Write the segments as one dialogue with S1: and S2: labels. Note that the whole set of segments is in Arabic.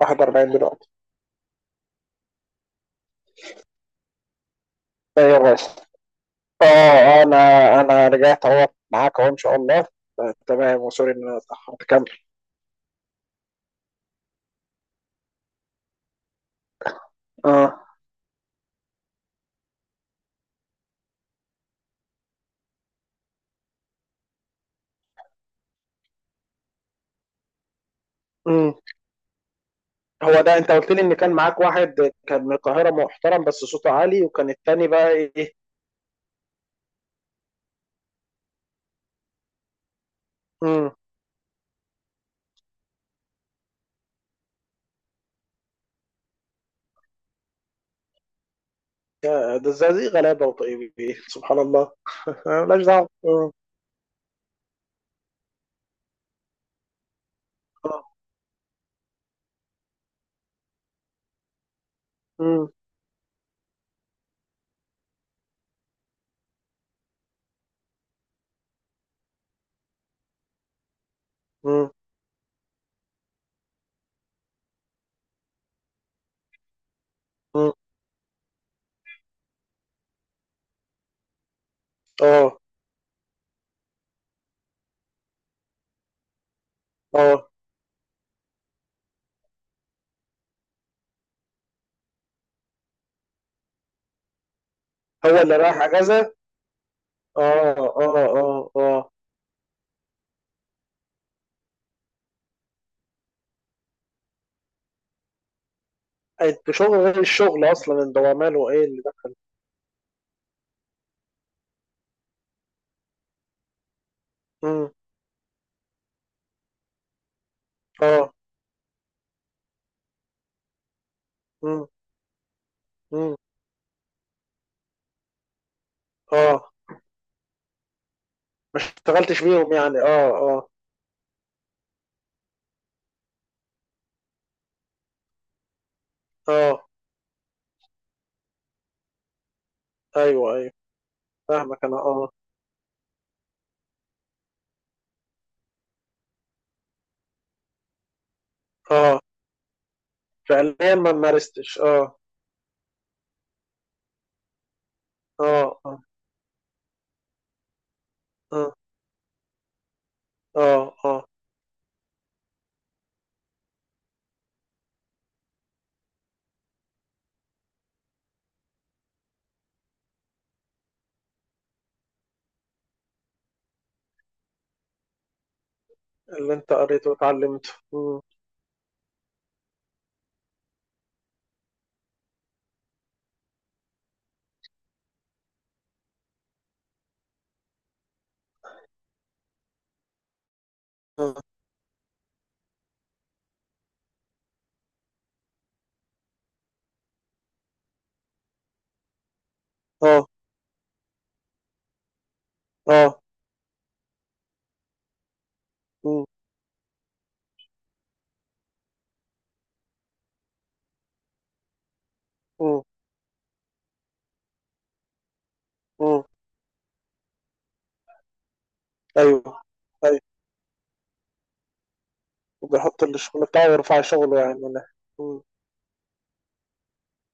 S1: 41 دلوقتي. ايوه بس. اه انا انا رجعت اهو معاك اهو ان شاء الله. تمام، وسوري ان انا اتاخرت، كمل. اه. امم. هو ده انت قلت لي ان كان معاك واحد كان من القاهره محترم بس صوته عالي، وكان التاني بقى ايه؟ امم. ده الزقازيق غلابه وطيب، سبحان الله مالناش دعوه. آه، آه، مم، مم، مم. اه اه. هو اللي رايح اجازه؟ اه اه اه اه. انت شغل غير الشغل اصلا، انت هو ماله ايه اللي دخل؟ مم، اه، مم. مم. اه، ما اشتغلتش بيهم يعني، اه اه اه. ايوه ايوه، فاهمك انا، اه. اه، فعليا ما مارستش، اه اه. اه اه اه اه. اللي انت قريته وتعلمته، اه اه اه. مم. مم. مم. ايوه ايوه. وبيحط الشغل بتاعه ويرفع شغله يعني ولا؟ مم.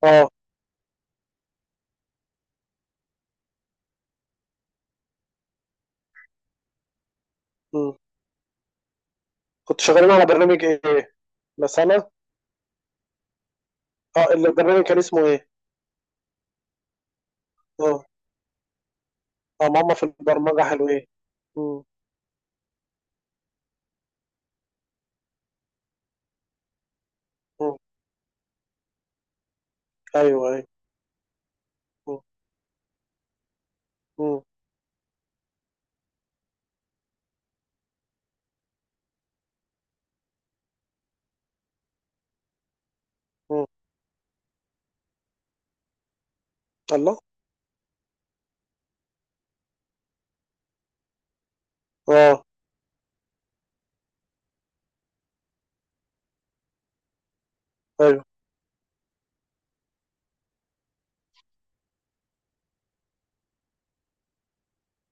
S1: اه. مم. كنت شغالين على برنامج ايه؟ بس انا اه، البرنامج كان اسمه ايه؟ اه اه. ماما في البرمجة حلوين. مم. مم. ايوه ايوه. مم. مم. الله. اه ايوه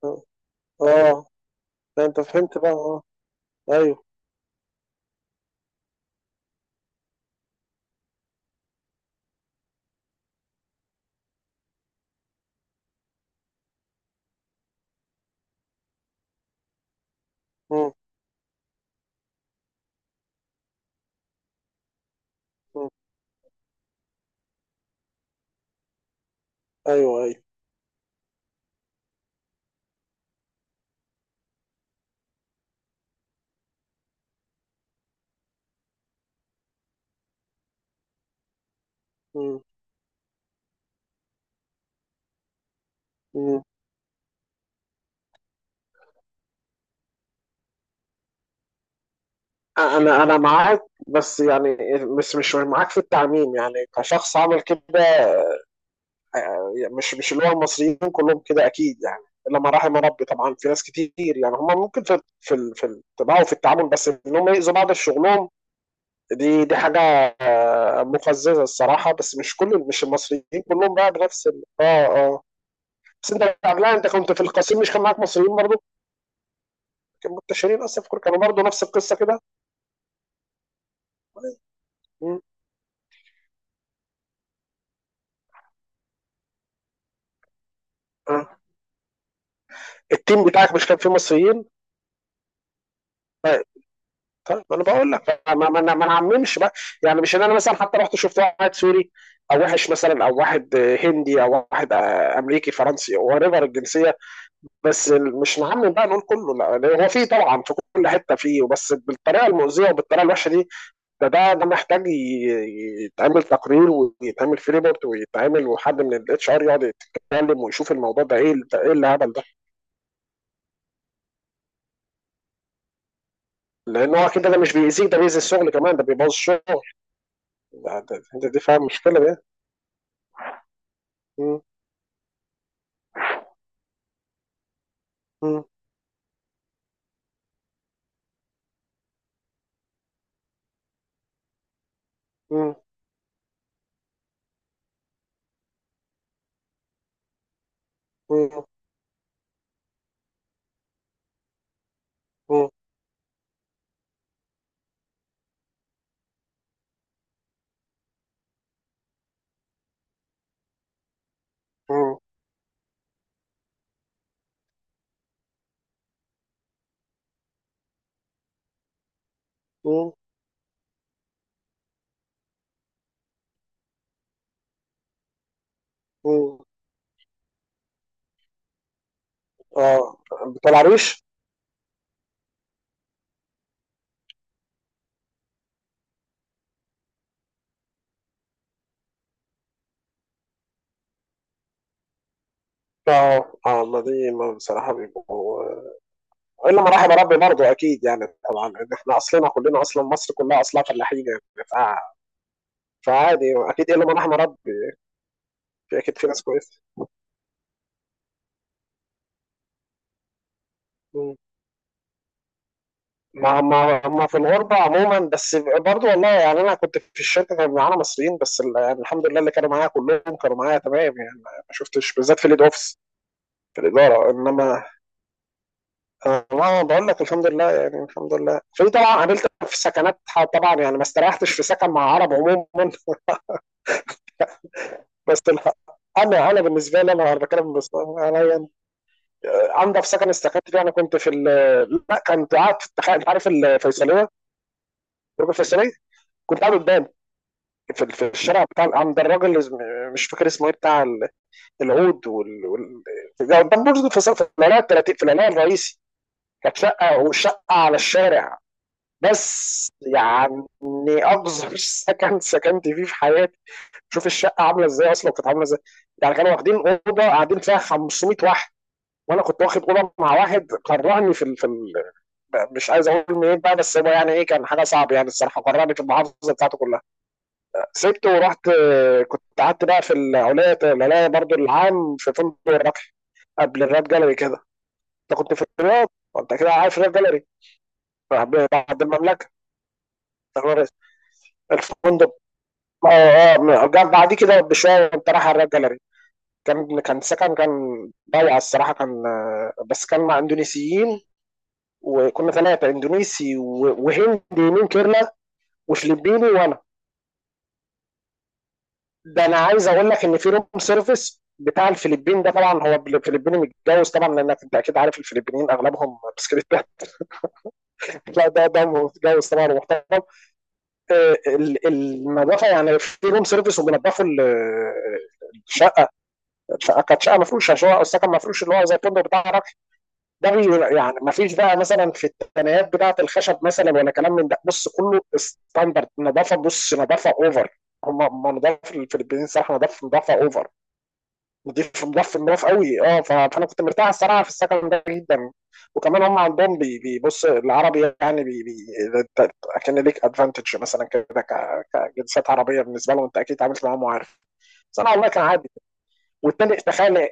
S1: اه. آه. لا، انت فهمت بقى، اه. ايوه. مم. مم. ايوه ايوه. مم. مم. انا معاك، بس يعني مش معاك في التعميم يعني كشخص عمل كده، مش اللي هو المصريين كلهم كده اكيد يعني. الا ما رحم ربي طبعا، في ناس كتير يعني هم ممكن في في الطباع وفي التعامل، بس ان هم يأذوا بعض في شغلهم، دي حاجه مقززه الصراحه. بس مش كل مش المصريين كلهم بقى بنفس اه، آه. بس انت قبلها، انت كنت في القصيم، مش كان معاك مصريين برضه؟ كانوا منتشرين اصلا في كوريا، كانوا برضه نفس القصه كده. مم. آه. التيم بتاعك مش كان فيه مصريين؟ طيب، ما انا بقول لك ما نعممش بقى. يعني مش ان انا مثلا حتى رحت شفت واحد سوري او وحش مثلا، او واحد هندي، او واحد امريكي، فرنسي، او ريفر الجنسيه. بس مش نعمم بقى نقول كله. لا، هو في طبعا في كل حته فيه، بس بالطريقه المؤذيه وبالطريقه الوحشه دي، ده ده محتاج يتعمل تقرير ويتعمل في ريبورت، ويتعمل وحد من الاتش ار يقعد يتكلم ويشوف الموضوع ده ايه، ده ايه الهبل ده؟ لان هو كده ده مش بيأذيك، ده بيأذي الشغل كمان، ده بيبوظ الشغل. ده ده، دي فاهم مشكلة ده. م- م- م- م- م- م- م- م. اه، بتاع العريش. اه اه، ما دي ما بصراحة بيبقوا، الا ما رحم ربي برضه اكيد، يعني طبعا إن احنا اصلنا كلنا اصلا مصر كلها اصلا فلاحين يعني، ف- فعادي اكيد الا ما رحم ربي. في اكيد في ناس كويسه. مم. ما في الغربة عموما، بس برضو والله يعني أنا كنت في الشركة كان معانا مصريين، بس يعني الحمد لله اللي كانوا معايا كلهم كانوا معايا تمام، يعني ما شفتش، بالذات في الإيد أوفيس، في الإدارة. إنما أنا ما بقول لك الحمد لله يعني، الحمد لله، في طبعا قابلت في سكنات، طبعا يعني ما استريحتش في سكن مع عرب عموما بس أنا بالنسبة لي أنا بتكلم، بس أنا يعني، آه، عندي في سكن استكنت فيه، أنا كنت في لا، كنت قاعد في التخيل، عارف الفيصلية، برج الفيصلية. كنت قاعد قدام، في في الشارع بتاع عند الراجل اللي مش فاكر اسمه ايه، بتاع العود ده قدام برج الفيصل في العلاقه 30، في العلاقه الرئيسي. كانت شقه، وشقه على الشارع، بس يعني اقذر سكن سكنت فيه في حياتي. شوف الشقه عامله ازاي، اصلا كانت عامله ازاي. يعني كانوا واخدين اوضه قاعدين فيها 500 واحد، وانا كنت واخد اوضه مع واحد قرعني في ال... في ال... مش عايز اقول منين بقى، بس هو يعني ايه، كان حاجه صعبه يعني الصراحه، قرعني في المحافظه بتاعته كلها. سبته ورحت، آه، كنت قعدت بقى في العليا، العليا برضو، العام، في فندق الربح، قبل الراب جاليري كده. انت كنت في الرياض وانت كده عارف الراب جاليري، بعد المملكه الفندق. اه اه، جنب بعديه كده بشويه وانت رايح على الراب جاليري. كان سكن، كان ضايع الصراحه، كان آه، بس كان مع اندونيسيين، وكنا ثلاثه، اندونيسي وهندي من كيرلا، وفلبيني، وانا. ده انا عايز اقول لك ان في روم سيرفيس بتاع الفلبين ده، طبعا هو الفلبيني متجوز طبعا، لانك انت اكيد عارف الفلبينيين اغلبهم بسكريت لا، ده متجوز طبعا ومحترم، آه، النظافه يعني في روم سيرفيس، وبينضفوا الشقه. الشقه كانت شقه مفروشه، شقه او سكن مفروش، اللي هو زي الفندق بتاع الرقم ده. يعني ما فيش بقى مثلا في التنايات بتاعه الخشب مثلا، ولا كلام من ده. بص، كله ستاندرد نظافه، بص، نظافه اوفر. هم نظافه الفلبينيين صراحه، نظافه، نظافه اوفر، نضيف، مضاف قوي. اه، فانا كنت مرتاح الصراحه في السكن ده جدا. وكمان هم عندهم بيبص العربي، يعني بي بي ده-، كان ليك ادفانتج مثلا كده، كجنسيات عربيه بالنسبه لهم، انت اكيد اتعاملت معاهم وعارف. بس انا والله كان عادي. والتاني، تخيل،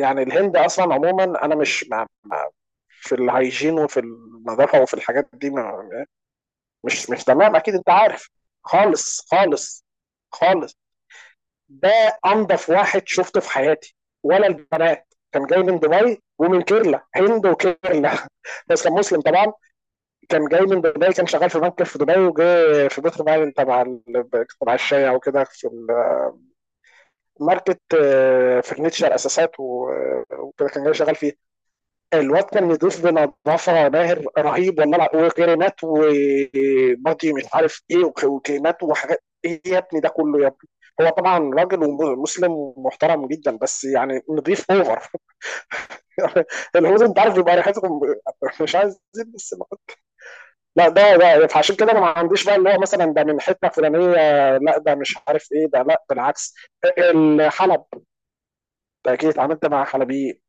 S1: يعني الهند اصلا عموما، انا مش في الهيجين وفي النظافه وفي الحاجات دي، ما-، مش تمام، اكيد انت عارف. خالص خالص خالص. ده انضف واحد شفته في حياتي، ولا البنات. كان جاي من دبي ومن كيرلا، هند وكيرلا بس كان مسلم طبعا. كان جاي من دبي، كان شغال في بنك في دبي، وجاي في بيتر باين تبع تبع الشاي او كده، في الماركت، آه، فرنتشر، اساسات، آه، وكده كان جاي شغال فيه. الواد كان يضيف بنظافه، ماهر رهيب، والملعب، وكريمات، وماضي، مش عارف ايه، وكلمات وحاجات، ايه يا ابني ده كله يا ابني؟ هو طبعا راجل ومسلم ومحترم جدا، بس يعني نضيف اوفر الهنود انت عارف بيبقى ريحتهم، مش عايز زيت، بس ما-، لا، ده فعشان كده انا ما عنديش بقى اللي هو مثلا ده من حته فلانيه، لا، ده مش عارف ايه ده، لا بالعكس. الحلب ده اكيد اتعاملت مع حلبيين.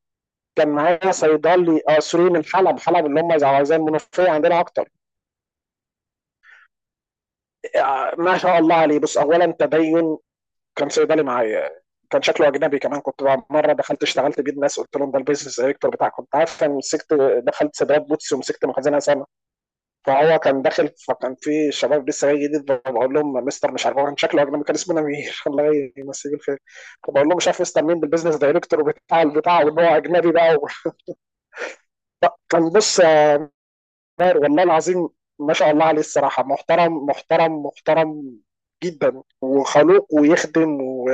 S1: كان معايا صيدلي، آه، سوري من حلب، حلب اللي هم زي المنوفيه عندنا اكتر. آه، ما شاء الله عليه، بص، اولا تدين. كان صيدلي معايا، كان شكله اجنبي كمان. كنت بقى مره دخلت اشتغلت بيه الناس، قلت لهم ده البيزنس دايركتور بتاعك. كنت عارف انا مسكت، دخلت سباقات بوتس ومسكت مخزنها سنه. فهو كان داخل، فكان في شباب لسه جاي جديد، بقول لهم مستر مش عارف، هو كان شكله اجنبي، كان اسمه نمير الله يمسيه بالخير. فبقول لهم مش عارف مستر مين، بالبيزنس دايركتور بتاع البتاع، وان هو اجنبي بقى. كان بص، آه، طاهر والله العظيم، ما شاء الله عليه الصراحة، محترم محترم محترم جدا، وخلوق، ويخدم، و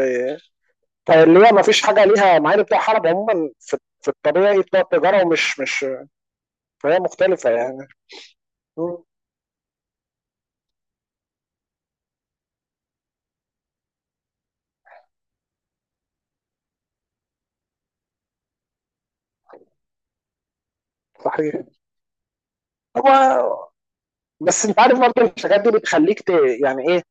S1: فاللي هي ما فيش حاجة ليها، مع ان بتوع حرب عموما في الطبيعي، بتوع التجارة، ومش مش. فهي مختلفة يعني. م، صحيح. هو بس انت عارف برضه الحاجات دي بتخليك ت...، يعني ايه،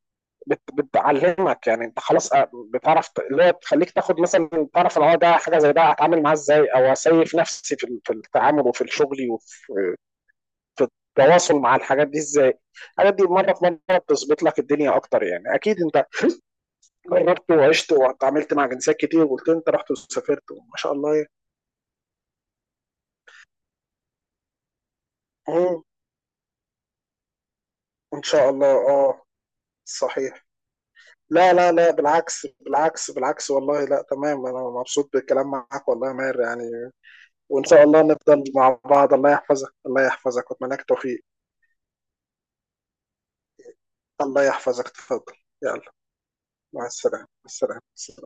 S1: بتعلمك، يعني انت خلاص، بتعرف اللي هي بتخليك تاخد مثلا، تعرف ان هو ده حاجه زي ده هتعامل معاه ازاي، او اسيف نفسي في في التعامل وفي الشغل وفي في التواصل مع الحاجات دي ازاي. الحاجات دي مره في مره بتظبط لك الدنيا اكتر، يعني اكيد انت جربت وعشت واتعاملت مع جنسيات كتير، وقلت انت رحت وسافرت ما شاء الله يعني. مم. ان شاء الله، اه. صحيح. لا، بالعكس بالعكس، والله، لا، تمام، انا مبسوط بالكلام معاك والله يا ماهر يعني. وان شاء الله نفضل مع بعض، الله يحفظك، الله يحفظك، واتمنى لك توفيق. الله يحفظك، تفضل. يلا، مع السلامه، مع السلامه.